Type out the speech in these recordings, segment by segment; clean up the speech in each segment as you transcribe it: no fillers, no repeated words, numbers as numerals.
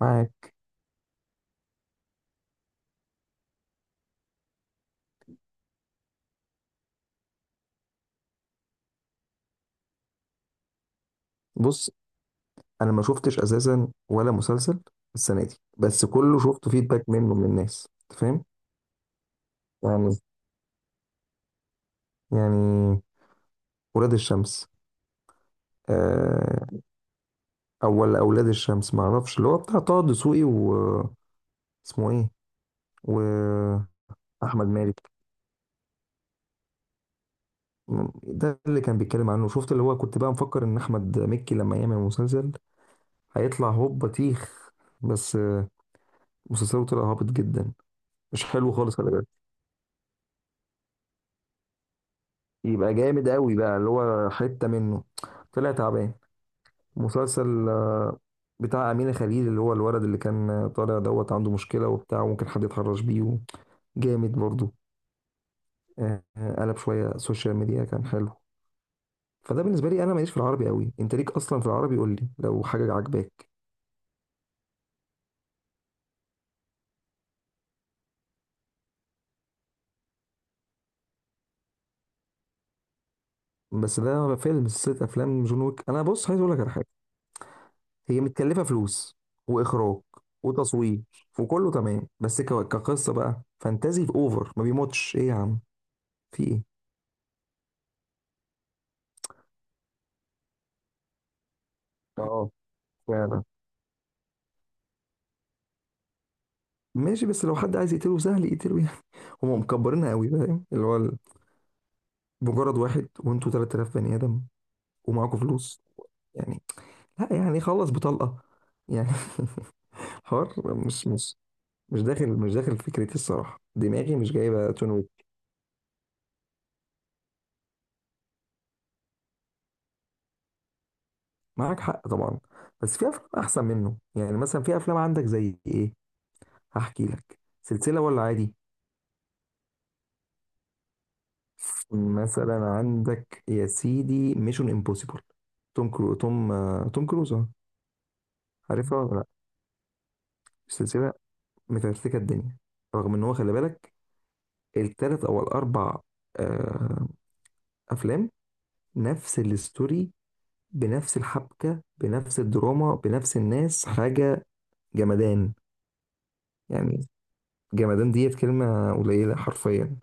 معاك. بص، انا ما شفتش اساسا ولا مسلسل السنه دي، بس كله شفت فيدباك منه من الناس، انت فاهم. يعني يعني ولاد الشمس. آه، اول اولاد الشمس ما اعرفش اللي هو بتاع طه دسوقي و اسمه ايه، واحمد مالك. ده اللي كان بيتكلم عنه، شفت اللي هو كنت بقى مفكر ان احمد مكي لما يعمل مسلسل هيطلع هوب بطيخ. بس مسلسله طلع هابط جدا، مش حلو خالص، خلي بالك. يبقى جامد قوي بقى اللي هو حتة منه، طلع تعبان. مسلسل بتاع أمينة خليل، اللي هو الولد اللي كان طالع دوت عنده مشكلة وبتاع وممكن حد يتحرش بيه جامد برضو. قلب شوية سوشيال ميديا كان حلو. فده بالنسبة لي أنا ماليش في العربي قوي، أنت ليك أصلا في العربي؟ قول لي لو حاجة عجباك. بس ده فيلم، سلسلة أفلام جون ويك. أنا بص عايز أقول لك على حاجة. هي متكلفة فلوس وإخراج وتصوير وكله تمام، بس كقصة بقى فانتازي في أوفر، ما بيموتش إيه يا عم. في إيه؟ اه، فعلا. ماشي، بس لو حد عايز يقتله سهل يقتله يعني. هم مكبرينها قوي، فاهم اللي هو مجرد واحد وانتوا 3000 بني ادم ومعاكوا فلوس يعني، لا يعني خلص بطلقه يعني حوار مش داخل فكرتي الصراحه، دماغي مش جايبه تون ويك. معاك حق طبعا، بس في افلام احسن منه، يعني مثلا في افلام عندك زي ايه؟ هحكي لك سلسله ولا عادي؟ مثلا عندك يا سيدي ميشن امبوسيبل. توم كروز. اه. عارفها ولا لا؟ السلسله متكتكه الدنيا، رغم ان هو خلي بالك التلات او الاربع آه افلام نفس الستوري، بنفس الحبكه بنفس الدراما بنفس الناس، حاجه جمدان. يعني جمدان ديت كلمه قليله، حرفيا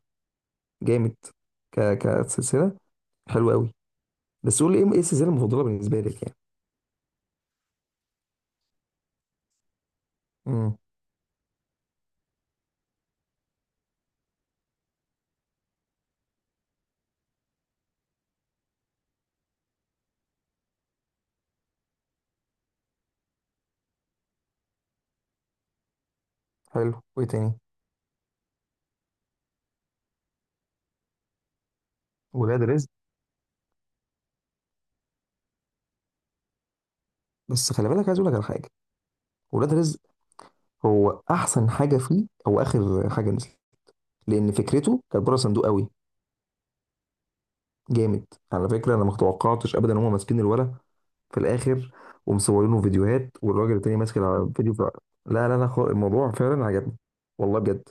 جامد. كسلسله حلوه قوي. بس قول لي إيه السلسله المفضله بالنسبه لك يعني؟ امم حلو، وايه تاني؟ ولاد رزق. بس خلي بالك، عايز اقول لك على حاجه. ولاد رزق هو احسن حاجه فيه او اخر حاجه نزلت، لان فكرته كانت بره صندوق قوي. جامد. على فكره، انا ما توقعتش ابدا ان هم ماسكين الولد في الاخر ومصورينه فيديوهات، والراجل التاني ماسك الفيديو في... لا لا لا خالص، الموضوع فعلا عجبني، والله بجد.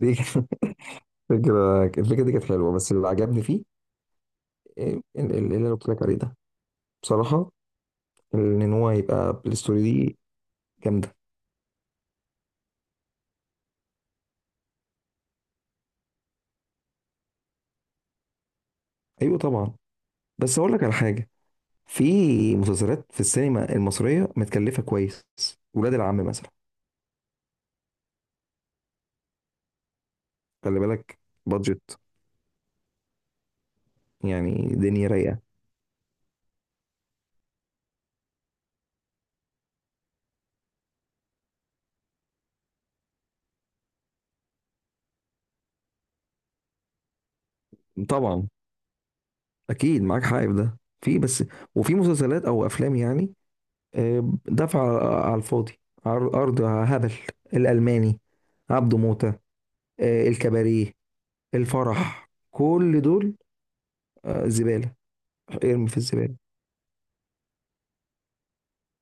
دي كانت الفكره دي كانت حلوه. بس اللي عجبني فيه اللي انا قلت لك عليه ده، بصراحه، ان هو يبقى الستوري دي جامده. ايوه طبعا، بس اقول لك على حاجه، في مسلسلات في السينما المصريه متكلفه كويس. ولاد العم مثلا. خلي بالك، بادجت، يعني دنيا رايقه. طبعا اكيد معاك حق في ده، في بس، وفي مسلسلات او افلام، يعني دفع على الفاضي. ارض هبل، الالماني، عبده موته، الكباريه، الفرح، كل دول زباله. ارمي في الزباله،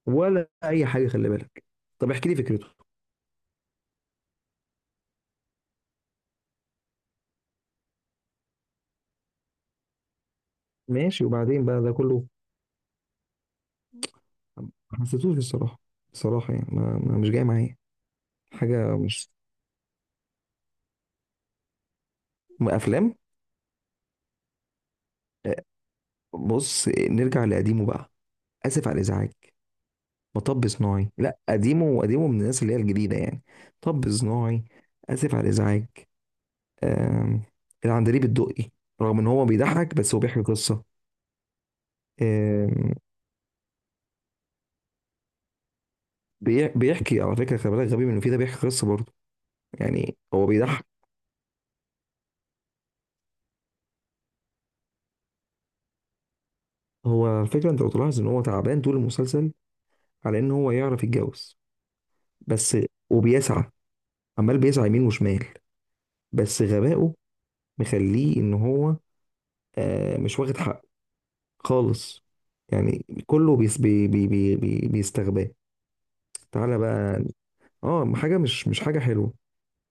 ولا اي حاجه، خلي بالك. طب احكي لي فكرته. ماشي، وبعدين بقى ده كله ما حسيتوش الصراحه. الصراحه يعني مش جاي معايا. حاجه مش افلام. آه، بص نرجع لقديمه بقى. اسف على الازعاج. مطب صناعي، لا قديمه، قديمه من الناس اللي هي الجديده يعني. مطب صناعي. اسف على الازعاج. آم، العندليب الدقي، رغم ان هو بيضحك بس هو بيحكي قصه. آم، بيحكي على فكره، خلي بالك، غبي منه فيه ده بيحكي قصه برضه. يعني هو بيضحك. هو الفكره انت لو تلاحظ ان هو تعبان طول المسلسل على ان هو يعرف يتجوز بس، وبيسعى عمال بيسعى يمين وشمال، بس غبائه مخليه ان هو مش واخد حقه خالص. يعني كله بيس بي بي بي بي بيستغباه. تعالى بقى. اه، حاجه مش حاجه حلوه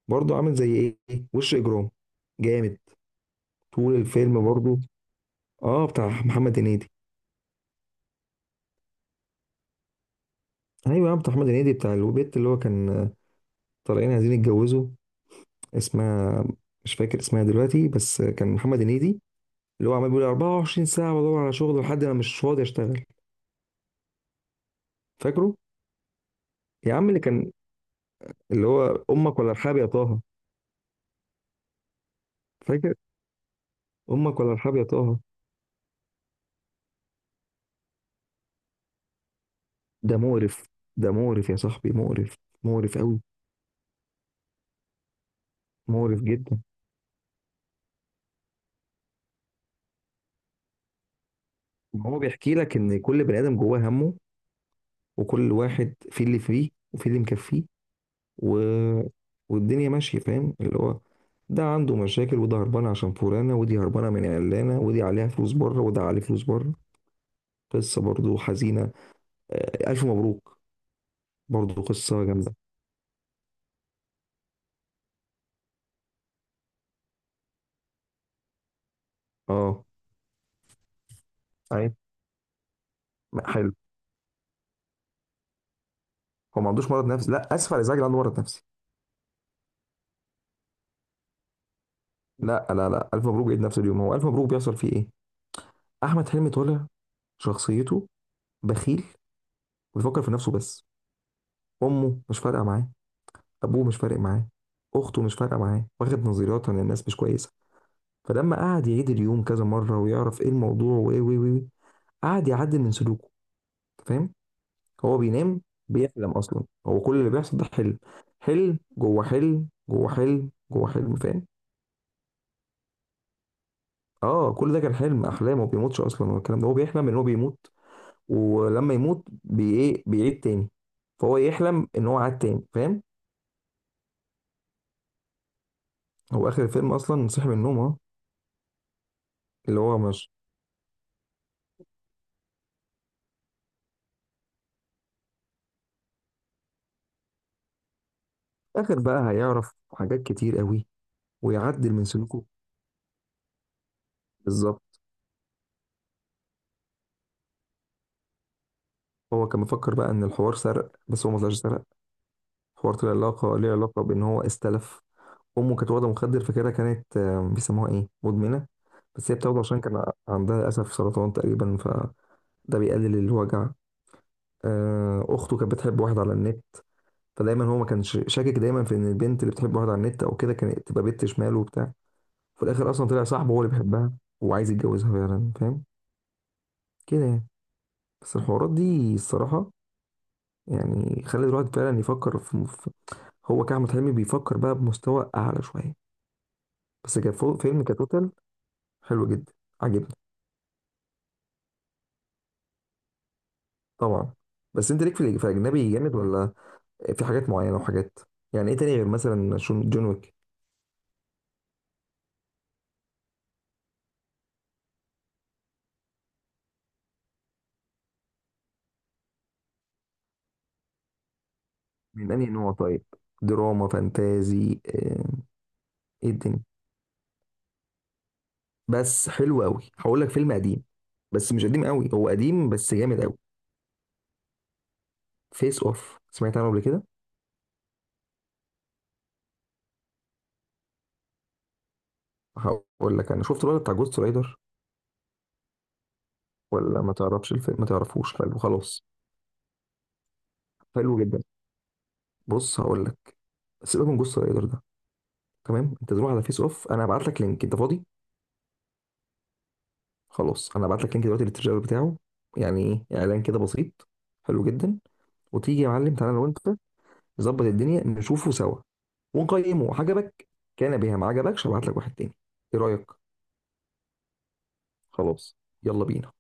برضه. عامل زي ايه؟ وش اجرام، جامد طول الفيلم برضه. اه بتاع محمد هنيدي. ايوه يا بتاع محمد هنيدي، بتاع البيت اللي هو كان طالعين عايزين يتجوزوا. اسمها مش فاكر اسمها دلوقتي، بس كان محمد هنيدي اللي هو عمال بيقول 24 ساعه بدور على شغل، لحد ما مش فاضي اشتغل. فاكره؟ يا عم اللي كان اللي هو امك ولا ارحاب يا طه. فاكر؟ امك ولا ارحاب يا طه. ده مقرف، ده مقرف يا صاحبي، مقرف، مقرف قوي، مقرف جدا. هو بيحكي لك ان كل بني ادم جواه همه، وكل واحد في اللي فيه وفي اللي مكفيه، و... والدنيا ماشيه، فاهم اللي هو ده عنده مشاكل، وده هربان عشان فلانه، ودي هربانه من علانه، ودي عليها فلوس بره، وده عليه فلوس بره. قصه برضو حزينه. الف مبروك، برضو قصه جامده. اه، اي، حلو. هو ما عندوش مرض نفسي، لا اسف على الازعاج اللي عنده مرض نفسي. لا لا لا، الف مبروك عيد نفس اليوم. هو الف مبروك بيحصل فيه ايه؟ احمد حلمي طالع شخصيته بخيل، بيفكر في نفسه بس، امه مش فارقه معاه، ابوه مش فارق معاه، اخته مش فارقه معاه، واخد نظريات عن الناس مش كويسه. فلما قعد يعيد اليوم كذا مره ويعرف ايه الموضوع وايه وايه وايه، قعد يعدل من سلوكه، أنت فاهم. هو بينام، بيحلم اصلا، هو كل اللي بيحصل ده حلم. حلم جوه حلم جوه حلم جوه حلم، فاهم. اه، كل ده كان حلم احلام، وما بيموتش اصلا والكلام ده. هو بيحلم ان هو بيموت، ولما يموت بي ايه بيعيد تاني. فهو يحلم ان هو عاد تاني، فاهم. هو اخر الفيلم اصلا صحي من النوم اهو. اللي هو مش اخر بقى هيعرف حاجات كتير قوي، ويعدل من سلوكه. بالظبط، هو كان مفكر بقى ان الحوار سرق، بس هو ما طلعش سرق. الحوار طلع علاقه ليه، علاقه بان هو استلف. امه كانت واخده مخدر، فكده كانت بيسموها ايه، مدمنه. بس هي بتاخده عشان كان عندها للاسف سرطان تقريبا، فده بيقلل الوجع. اخته كانت بتحب واحد على النت، فدايما هو ما كانش شاكك دايما في ان البنت اللي بتحب واحد على النت او كده كانت تبقى بنت شمال وبتاع. في الاخر اصلا طلع صاحبه هو اللي بيحبها وعايز يتجوزها فعلا، فاهم. كده يعني. بس الحوارات دي الصراحه يعني خلت الواحد فعلا يفكر هو كأحمد حلمي بيفكر بقى بمستوى اعلى شويه. بس فيلم كتوتال، حلو جدا. عجبني طبعا. بس انت ليك في في الاجنبي جامد، ولا في حاجات معينه وحاجات؟ يعني ايه تاني غير مثلا جون ويك؟ من انهي نوع طيب؟ دراما، فانتازي، ايه الدنيا؟ بس حلو قوي، هقول لك فيلم قديم، بس مش قديم قوي، هو قديم بس جامد قوي. فيس اوف، سمعت عنه قبل كده؟ هقول لك، انا شفت الولد بتاع جوست رايدر، ولا ما تعرفش الفيلم؟ ما تعرفوش، حلو خلاص. حلو جدا. بص هقول لك، سيبك من جوست رايدر ده، تمام؟ انت تروح على فيس اوف، انا هبعت لك لينك. انت فاضي؟ خلاص، انا هبعت لك لينك دلوقتي للتريلر بتاعه، يعني ايه اعلان كده بسيط، حلو جدا. وتيجي يا معلم، تعالى لو انت نظبط الدنيا نشوفه سوا ونقيمه. عجبك كان بها، ما عجبكش هبعت لك واحد تاني. ايه رايك؟ خلاص، يلا بينا.